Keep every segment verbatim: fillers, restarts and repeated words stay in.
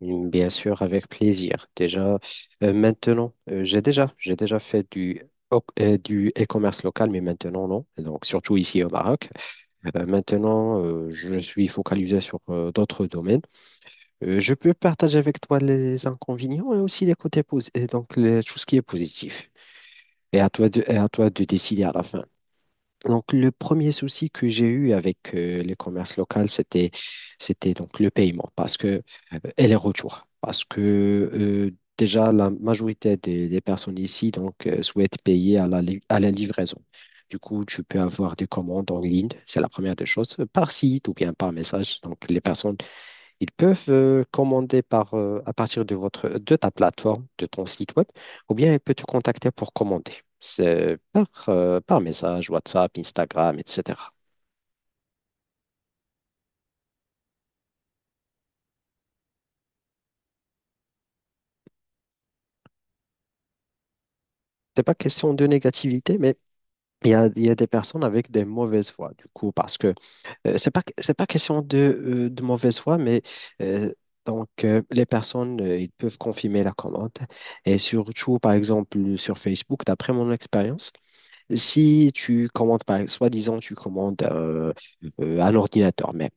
Bien sûr, avec plaisir. Déjà, euh, maintenant, euh, j'ai déjà, j'ai déjà fait du, o- euh, du e-commerce local, mais maintenant, non. Et Donc, surtout ici au Maroc. Euh, maintenant, euh, je suis focalisé sur euh, d'autres domaines. Euh, je peux partager avec toi les inconvénients et aussi les côtés positifs, et donc les- tout ce qui est positif. Et à toi de, et à toi de décider à la fin. Donc, le premier souci que j'ai eu avec euh, les commerces locaux, c'était, c'était donc le paiement parce que, euh, et les retours. Parce que euh, déjà, la majorité des, des personnes ici donc, euh, souhaitent payer à la, li- à la livraison. Du coup, tu peux avoir des commandes en ligne, c'est la première des choses, par site ou bien par message. Donc, les personnes ils peuvent euh, commander par, euh, à partir de votre, de ta plateforme, de ton site web, ou bien ils peuvent te contacter pour commander. C'est par, euh, par message, WhatsApp, Instagram, et cetera. C'est pas question de négativité, mais il y a, il y a des personnes avec des mauvaises voix, du coup, parce que euh, c'est pas, c'est pas question de, euh, de mauvaise foi, mais euh, donc euh, les personnes, euh, ils peuvent confirmer la commande. Et surtout, par exemple, sur Facebook, d'après mon expérience, Si tu commandes, par exemple, soi-disant, tu commandes euh, euh, un ordinateur même,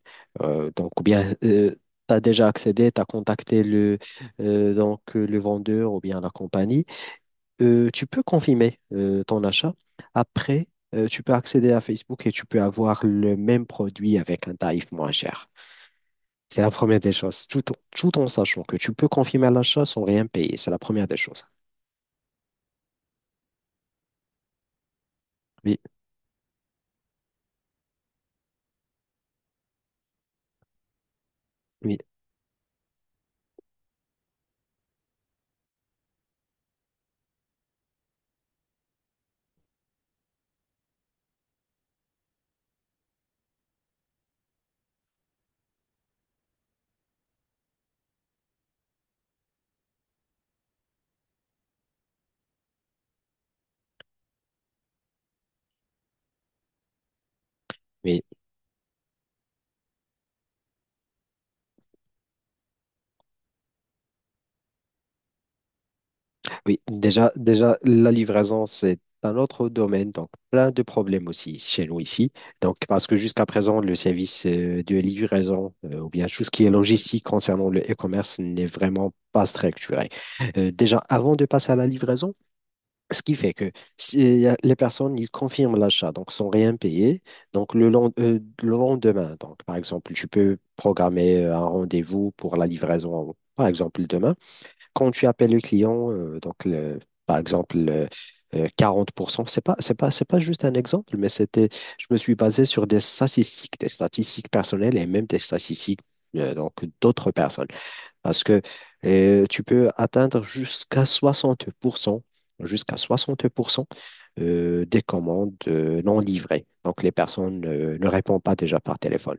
euh, donc, ou bien tu as déjà accédé, tu as contacté le, euh, donc, euh, le vendeur ou bien la compagnie, euh, tu peux confirmer euh, ton achat. Après, euh, tu peux accéder à Facebook et tu peux avoir le même produit avec un tarif moins cher. C'est la première des choses, tout en, tout en sachant que tu peux confirmer l'achat sans rien payer. C'est la première des choses. Oui, oui, oui. Oui, déjà, déjà, la livraison, c'est un autre domaine, donc plein de problèmes aussi chez nous ici. Donc, parce que jusqu'à présent, le service euh, de livraison, euh, ou bien tout ce qui est logistique concernant le e-commerce n'est vraiment pas structuré. Euh, déjà, avant de passer à la livraison, ce qui fait que si, euh, les personnes, ils confirment l'achat, donc sans rien payer. Donc, le lend- euh, le lendemain, donc, par exemple, tu peux programmer euh, un rendez-vous pour la livraison, par exemple, demain. Quand tu appelles le client, euh, donc le- par exemple le- euh, quarante pour cent, c'est pas, c'est pas, c'est pas juste un exemple, mais c'était, je me suis basé sur des statistiques, des statistiques personnelles et même des statistiques euh, donc d'autres personnes. Parce que euh, tu peux atteindre jusqu'à soixante pour cent, jusqu'à soixante pour cent euh, des commandes euh, non livrées. Donc, les personnes euh, ne répondent pas déjà par téléphone.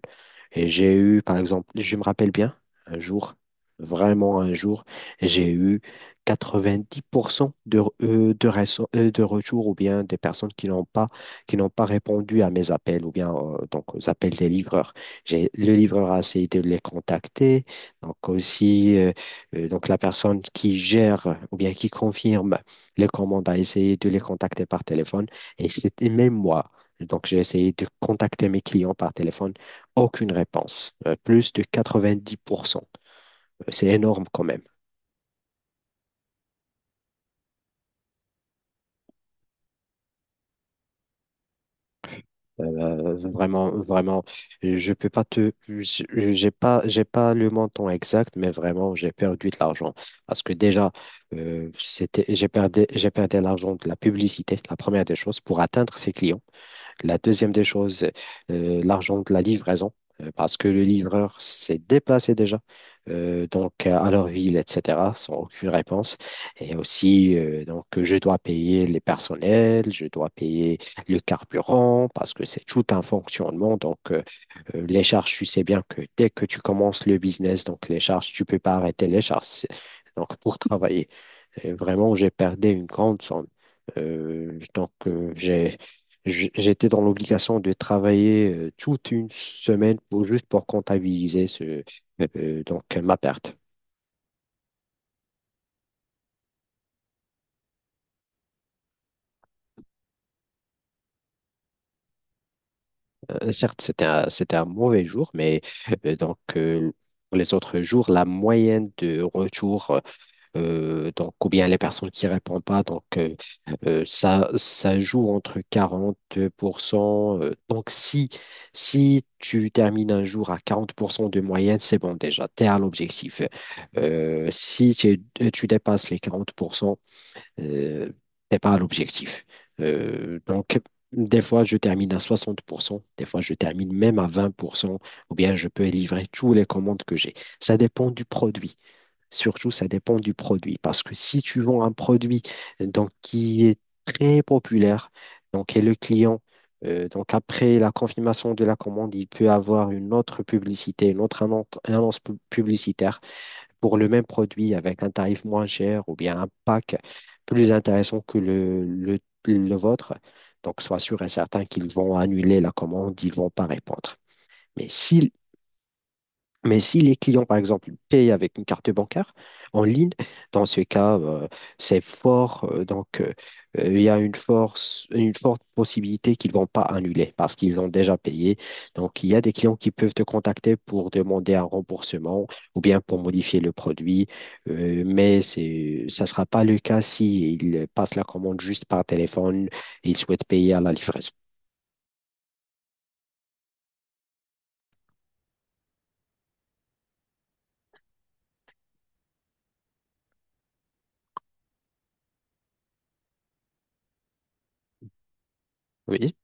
Et j'ai eu, par exemple, je me rappelle bien, un jour, vraiment un jour, j'ai eu quatre-vingt-dix pour cent de, euh, de, reço- euh, de retours ou bien des personnes qui n'ont pas, qui n'ont pas répondu à mes appels ou bien euh, donc aux appels des livreurs. J'ai, le livreur a essayé de les contacter. Donc aussi, euh, euh, donc la personne qui gère ou bien qui confirme les commandes a essayé de les contacter par téléphone. Et c'était même moi. Donc j'ai essayé de contacter mes clients par téléphone. Aucune réponse. Euh, plus de quatre-vingt-dix pour cent. Euh, C'est énorme quand même. Euh, vraiment, vraiment, je peux pas te, j- j'ai pas, j'ai pas le montant exact, mais vraiment, j'ai perdu de l'argent parce que déjà, euh, c'était, j'ai perdu, j'ai perdu l'argent de la publicité, la première des choses, pour atteindre ses clients. La deuxième des choses, euh, l'argent de la livraison, euh, parce que le livreur s'est déplacé déjà euh, donc à leur ville, et cetera, sans aucune réponse. Et aussi, euh, donc, je dois payer les personnels, je dois payer le carburant, parce que c'est tout un fonctionnement. Donc, euh, euh, les charges, tu sais bien que dès que tu commences le business, donc les charges, tu ne peux pas arrêter les charges. Donc, pour travailler. Et vraiment, j'ai perdu une grande somme. Euh, donc, euh, j'ai, j'- j'étais dans l'obligation de travailler euh, toute une semaine pour, juste pour comptabiliser ce, euh, euh, donc, ma perte. Euh, certes, c'était un, c'était un mauvais jour, mais euh, donc, euh, pour les autres jours, la moyenne de retour euh, donc, ou bien les personnes qui répondent pas. Donc, euh, euh, ça, ça joue entre quarante pour cent, euh, donc, si, si tu termines un jour à quarante pour cent de moyenne, c'est bon déjà, tu es à l'objectif. Euh, si tu, tu dépasses les quarante pour cent, euh, t'es pas à l'objectif. Euh, donc, des fois, je termine à soixante pour cent, des fois, je termine même à vingt pour cent, ou bien je peux livrer tous les commandes que j'ai. Ça dépend du produit. Surtout, ça dépend du produit. Parce que si tu vends un produit euh, donc, qui est très populaire, donc, et le client, euh, donc après la confirmation de la commande, il peut avoir une autre publicité, une autre annon- annonce pub- publicitaire pour le même produit avec un tarif moins cher ou bien un pack plus intéressant que le, le, le vôtre. Donc, sois sûr et certain qu'ils vont annuler la commande, ils ne vont pas répondre. Mais si mais si les clients, par exemple, payent avec une carte bancaire en ligne, dans ce cas, euh, c'est fort. Euh, donc, euh, euh, il y a une force, une forte possibilité qu'ils ne vont pas annuler parce qu'ils ont déjà payé. Donc, il y a des clients qui peuvent te contacter pour demander un remboursement ou bien pour modifier le produit. Euh, mais c'est, ça ne sera pas le cas s'ils passent la commande juste par téléphone et ils souhaitent payer à la livraison. Oui,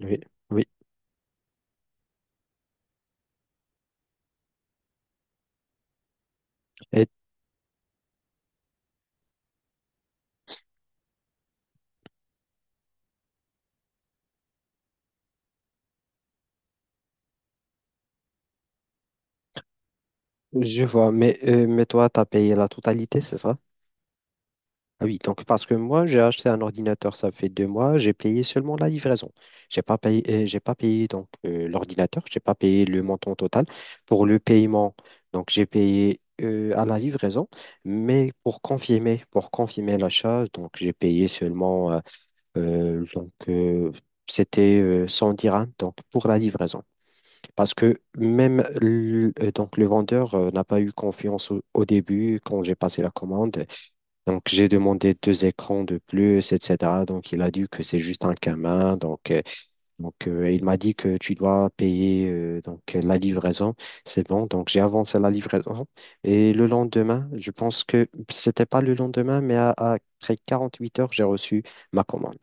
oui, oui. Et je vois. Mais, euh, mais toi, tu as payé la totalité, c'est ça? Ah oui, donc parce que moi, j'ai acheté un ordinateur, ça fait deux mois, j'ai payé seulement la livraison. J'ai pas payé, euh, j'ai pas payé donc euh, l'ordinateur, j'ai pas payé le montant total. Pour le paiement, donc j'ai payé euh, à la livraison, mais pour confirmer, pour confirmer l'achat, donc j'ai payé seulement euh, euh, donc euh, c'était euh, cent dirhams donc pour la livraison. Parce que même le, euh, donc le vendeur euh, n'a pas eu confiance au, au début quand j'ai passé la commande. Donc, j'ai demandé deux écrans de plus, et cetera. Donc, il a dit que c'est juste un camin. Donc, euh, donc euh, il m'a dit que tu dois payer euh, donc, euh, la livraison. C'est bon. Donc, j'ai avancé la livraison. Et le lendemain, je pense que c'était pas le lendemain, mais à- à- après quarante-huit heures, j'ai reçu ma commande.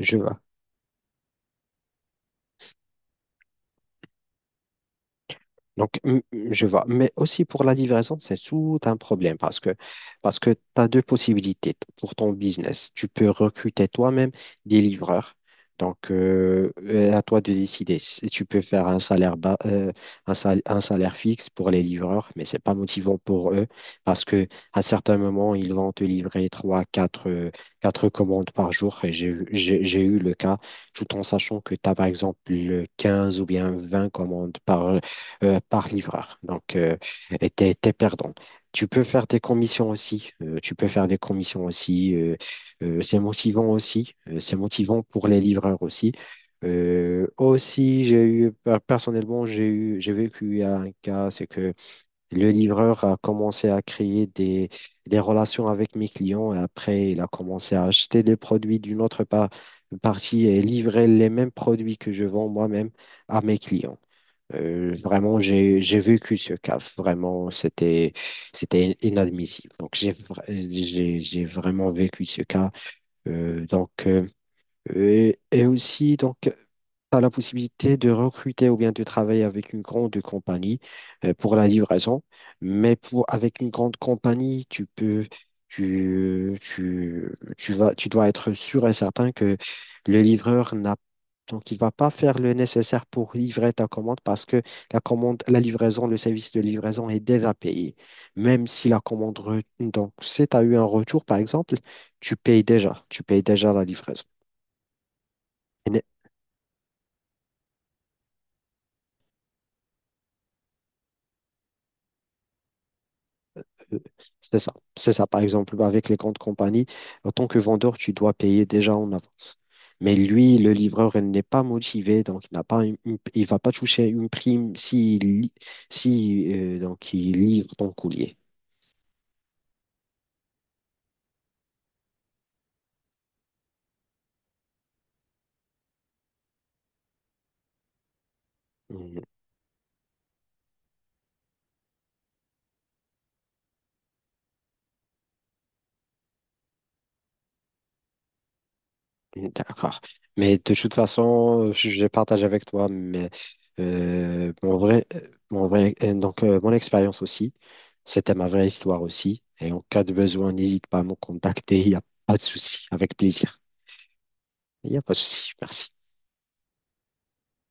Je, Donc, m- m- je vois. Mais aussi pour la livraison, c'est tout un problème parce que, parce que, tu as deux possibilités t- pour ton business. Tu peux recruter toi-même des livreurs. Donc, euh, euh, à toi de décider. Si Tu peux faire un salaire bas, euh, un sal- un salaire fixe pour les livreurs, mais c'est pas motivant pour eux parce que à certains moments, ils vont te livrer trois, quatre, euh, quatre commandes par jour. Et J'ai, j'ai j'ai eu le cas, tout en sachant que tu as par exemple quinze ou bien vingt commandes par euh, par livreur. Donc, euh, et t'es, t'es perdant. Tu peux faire des commissions aussi. euh, tu peux faire des commissions aussi. euh, euh, c'est motivant aussi. euh, c'est motivant pour les livreurs aussi. Euh, aussi, j'ai eu, per- personnellement, j'ai eu, j'ai vécu un cas, c'est que le livreur a commencé à créer des, des relations avec mes clients et après, il a commencé à acheter des produits d'une autre par- partie et livrer les mêmes produits que je vends moi-même à mes clients. Euh, vraiment, j'ai j'ai vécu ce cas. Vraiment, c'était c'était inadmissible. Donc, j'ai vra- j'ai j'ai vraiment vécu ce cas. Euh, donc, euh, et, et aussi, donc, tu as la possibilité de recruter ou bien de travailler avec une grande compagnie euh, pour la livraison. Mais pour, avec une grande compagnie, tu peux, tu, tu, tu vas, tu dois être sûr et certain que le livreur n'a. Donc, il va pas faire le nécessaire pour livrer ta commande parce que la commande, la livraison, le service de livraison est déjà payé. Même si la commande, re- donc, si tu as eu un retour, par exemple, tu payes déjà, tu payes déjà la livraison. Euh, C'est ça. C'est ça. Par exemple, avec les comptes compagnie, en tant que vendeur, tu dois payer déjà en avance. Mais lui, le livreur, il n'est pas motivé, donc il n'a pas une- une- il va pas toucher une prime s'il li- si, euh, donc il livre ton courrier. Mm, D'accord. Mais de toute façon, je je partage avec toi mais, euh, mon vrai, euh, mon vrai, euh, donc, euh, mon expérience aussi. C'était ma vraie histoire aussi. Et en cas de besoin, n'hésite pas à me contacter. Il n'y a pas de souci. Avec plaisir. Il n'y a pas de souci, merci.